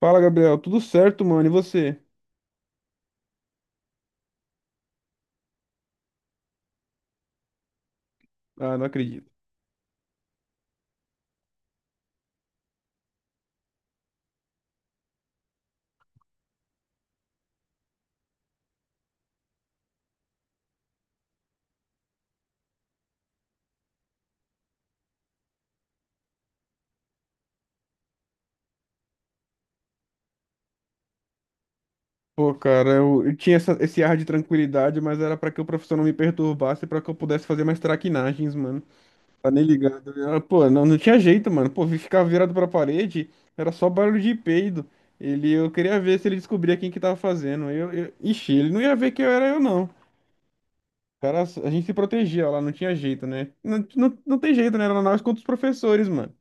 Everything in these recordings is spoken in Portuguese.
Fala, Gabriel. Tudo certo, mano? E você? Ah, não acredito. Pô, cara, eu tinha esse ar de tranquilidade, mas era pra que o professor não me perturbasse, pra que eu pudesse fazer mais traquinagens, mano. Tá nem ligado. Pô, não tinha jeito, mano. Pô, ficar virado pra parede era só barulho de peido. Eu queria ver se ele descobria quem que tava fazendo. Ele não ia ver que eu era eu, não. Cara, a gente se protegia lá, não tinha jeito, né? Não tem jeito, né? Era nós contra os professores, mano.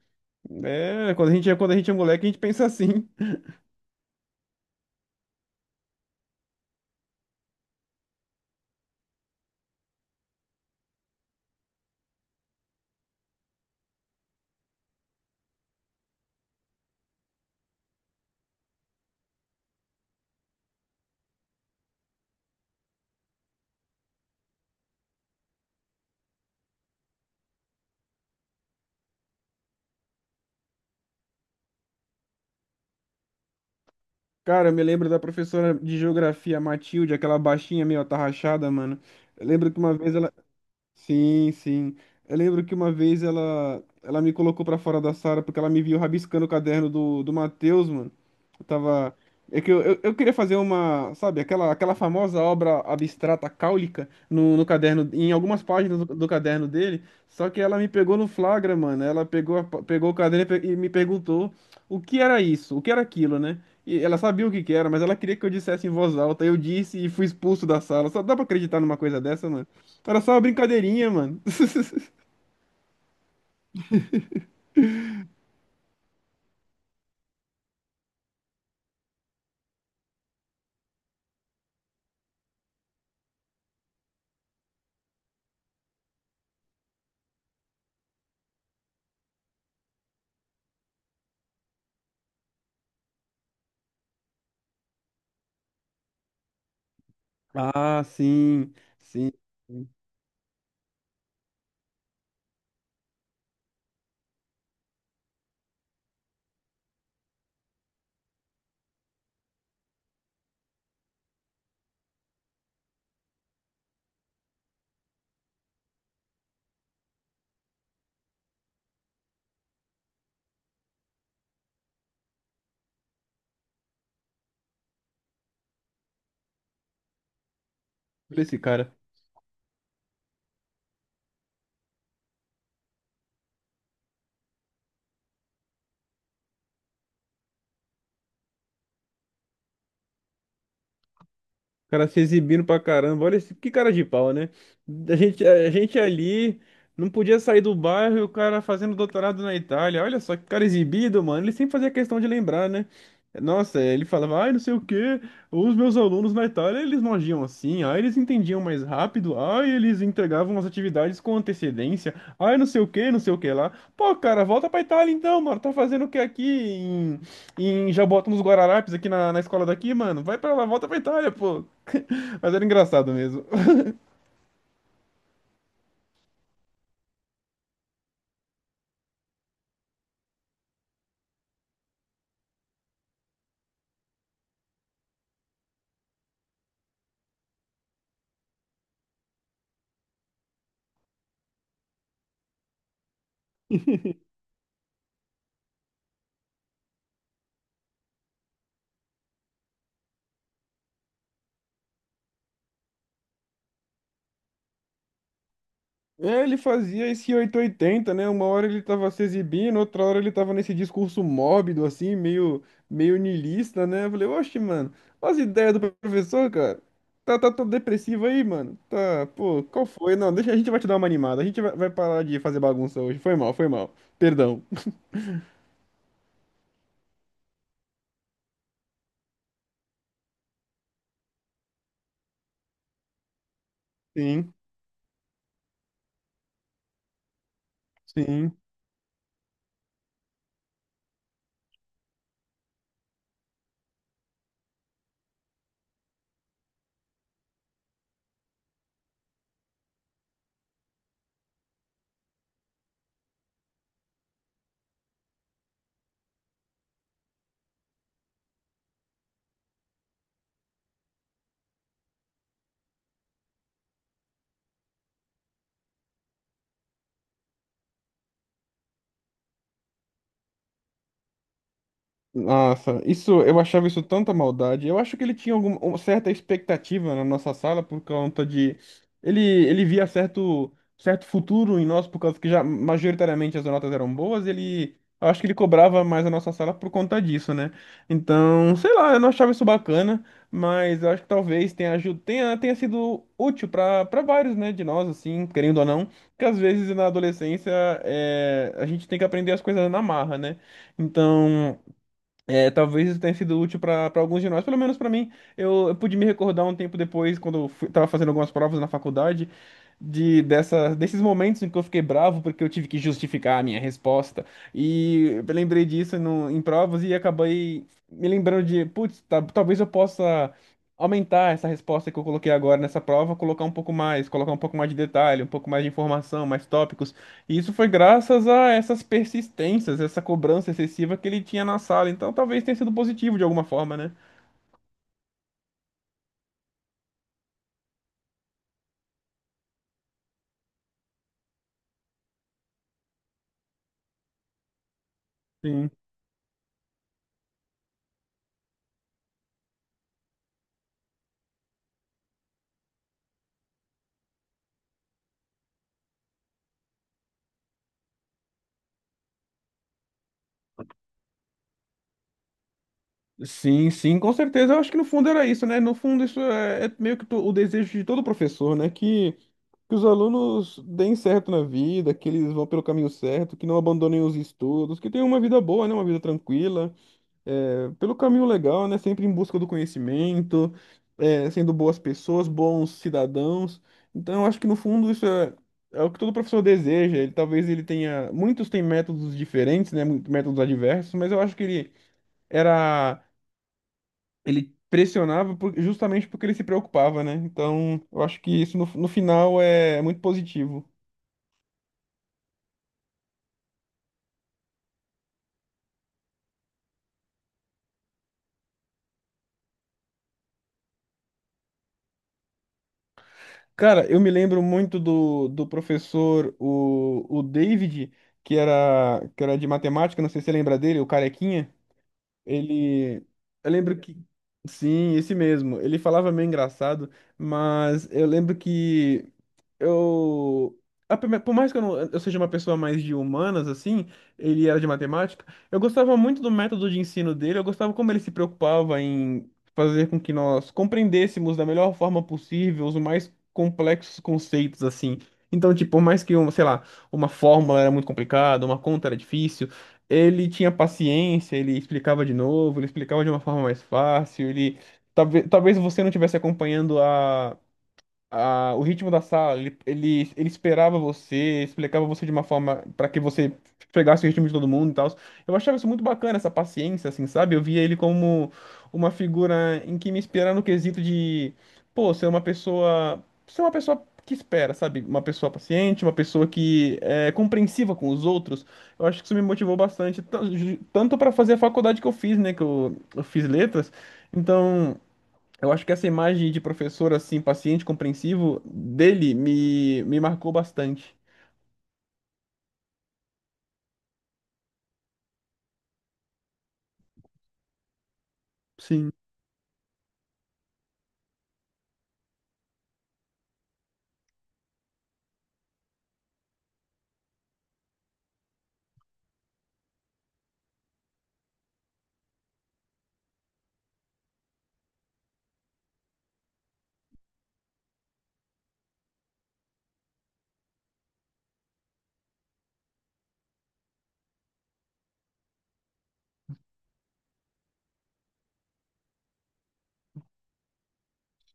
É, quando a gente é moleque, a gente pensa assim. Cara, eu me lembro da professora de geografia, Matilde, aquela baixinha meio atarrachada, mano. Eu lembro que uma vez ela, Sim, sim. Eu lembro que uma vez ela me colocou pra fora da sala porque ela me viu rabiscando o caderno do Matheus, mano. Eu tava. É que eu queria fazer sabe, aquela famosa obra abstrata cáulica no caderno, em algumas páginas do caderno dele, só que ela me pegou no flagra, mano. Ela pegou, pegou o caderno e e me perguntou o que era isso, o que era aquilo, né? E ela sabia o que que era, mas ela queria que eu dissesse em voz alta. Eu disse e fui expulso da sala. Só dá pra acreditar numa coisa dessa, mano? Era só uma brincadeirinha, mano. Ah, sim, sim. Sim. Por esse cara. Cara se exibindo pra caramba. Olha esse, que cara de pau, né? A gente ali não podia sair do bairro e o cara fazendo doutorado na Itália. Olha só que cara exibido, mano. Ele sempre fazia questão de lembrar, né? Nossa, ele falava, ai, não sei o quê, os meus alunos na Itália, eles não agiam assim, ai, eles entendiam mais rápido, ai, eles entregavam as atividades com antecedência, ai, não sei o quê, não sei o que lá. Pô, cara, volta pra Itália então, mano, tá fazendo o que em Jaboatão dos Guararapes, aqui na escola daqui, mano? Vai pra lá, volta pra Itália, pô. Mas era engraçado mesmo. É, ele fazia esse oito ou oitenta, né? Uma hora ele tava se exibindo, outra hora ele tava nesse discurso mórbido, assim, meio niilista, né? Eu falei, oxe, mano, olha as ideias do professor, cara. Tá todo depressivo aí, mano. Tá, pô, qual foi? Não, deixa, a gente vai te dar uma animada. Vai parar de fazer bagunça hoje. Foi mal, foi mal. Perdão. Sim, sim. Nossa, isso eu achava isso tanta maldade. Eu acho que ele tinha alguma uma certa expectativa na nossa sala por conta de ele ele via certo futuro em nós por causa que já majoritariamente as notas eram boas, ele eu acho que ele cobrava mais a nossa sala por conta disso, né? Então, sei lá, eu não achava isso bacana, mas eu acho que talvez tenha aju- tenha tenha sido útil para vários, né, de nós assim, querendo ou não, que às vezes na adolescência é, a gente tem que aprender as coisas na marra, né? Então, é, talvez isso tenha sido útil para alguns de nós, pelo menos para mim. Eu pude me recordar um tempo depois, quando eu fui, tava fazendo algumas provas na faculdade desses momentos em que eu fiquei bravo porque eu tive que justificar a minha resposta. E eu lembrei disso no, em provas e acabei me lembrando de, putz, talvez eu possa aumentar essa resposta que eu coloquei agora nessa prova, colocar um pouco mais, colocar um pouco mais de detalhe, um pouco mais de informação, mais tópicos. E isso foi graças a essas persistências, essa cobrança excessiva que ele tinha na sala. Então talvez tenha sido positivo de alguma forma, né? Sim. Sim, sim, com certeza. Eu acho que no fundo era isso, né? No fundo, isso é, é meio o desejo de todo professor, né? Que os alunos deem certo na vida, que eles vão pelo caminho certo, que não abandonem os estudos, que tenham uma vida boa, né? Uma vida tranquila, é, pelo caminho legal, né? Sempre em busca do conhecimento, é, sendo boas pessoas, bons cidadãos. Então, eu acho que no fundo isso é, é o que todo professor deseja. Ele, talvez ele tenha. Muitos têm métodos diferentes, né? Métodos adversos, mas eu acho que era ele pressionava justamente porque ele se preocupava, né? Então, eu acho que isso no final é muito positivo. Cara, eu me lembro muito do professor, o David, que era de matemática, não sei se você lembra dele, o Carequinha. Ele. Eu lembro que. Sim, esse mesmo. Ele falava meio engraçado, mas eu lembro que. Eu A por mais que eu, não, eu seja uma pessoa mais de humanas assim, ele era de matemática, eu gostava muito do método de ensino dele, eu gostava como ele se preocupava em fazer com que nós compreendêssemos da melhor forma possível os mais complexos conceitos assim. Então, tipo, por mais que, um, sei lá, uma fórmula era muito complicada, uma conta era difícil, ele tinha paciência, ele explicava de novo, ele explicava de uma forma mais fácil, ele talvez você não estivesse acompanhando o ritmo da sala, ele esperava você, explicava você de uma forma para que você pegasse o ritmo de todo mundo e tal. Eu achava isso muito bacana, essa paciência, assim, sabe? Eu via ele como uma figura em que me inspirava no quesito de, pô, ser uma pessoa que espera, sabe? Uma pessoa paciente, uma pessoa que é compreensiva com os outros. Eu acho que isso me motivou bastante, tanto para fazer a faculdade que eu fiz, né? Que eu fiz letras. Então, eu acho que essa imagem de professor, assim, paciente, compreensivo, dele me marcou bastante. Sim,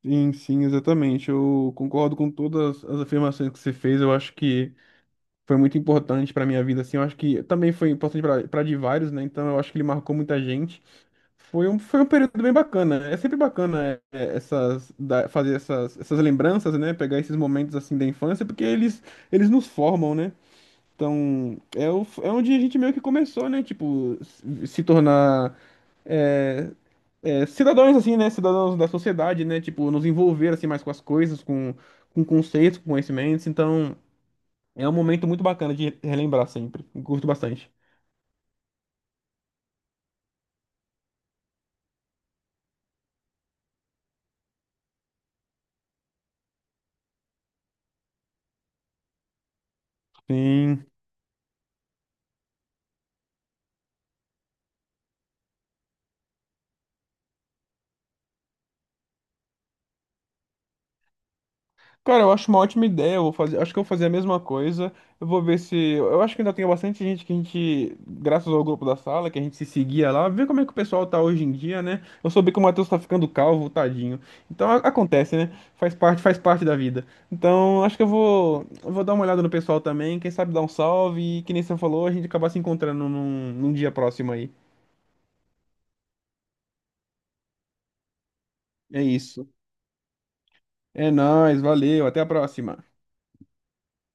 sim, sim, exatamente. Eu concordo com todas as afirmações que você fez. Eu acho que foi muito importante para minha vida, assim. Eu acho que também foi importante para de vários, né? Então eu acho que ele marcou muita gente. Foi um período bem bacana. É sempre bacana é, fazer essas lembranças, né? Pegar esses momentos, assim, da infância, porque eles nos formam, né? Então, é, é onde a gente meio que começou, né? Tipo, se tornar é, é, cidadãos, assim, né? Cidadãos da sociedade, né? Tipo, nos envolver, assim, mais com as coisas, com conceitos, com conhecimentos. Então, é um momento muito bacana de relembrar sempre. Curto bastante. Sim. Cara, eu acho uma ótima ideia. Eu vou fazer, acho que eu vou fazer a mesma coisa. Eu vou ver se. Eu acho que ainda tem bastante gente que a gente, graças ao grupo da sala, que a gente se seguia lá, ver como é que o pessoal tá hoje em dia, né? Eu soube que o Matheus tá ficando calvo, tadinho. Então acontece, né? Faz parte da vida. Então acho que eu vou dar uma olhada no pessoal também. Quem sabe dar um salve e, que nem você falou, a gente acabar se encontrando num dia próximo aí. É isso. É nóis, valeu, até a próxima.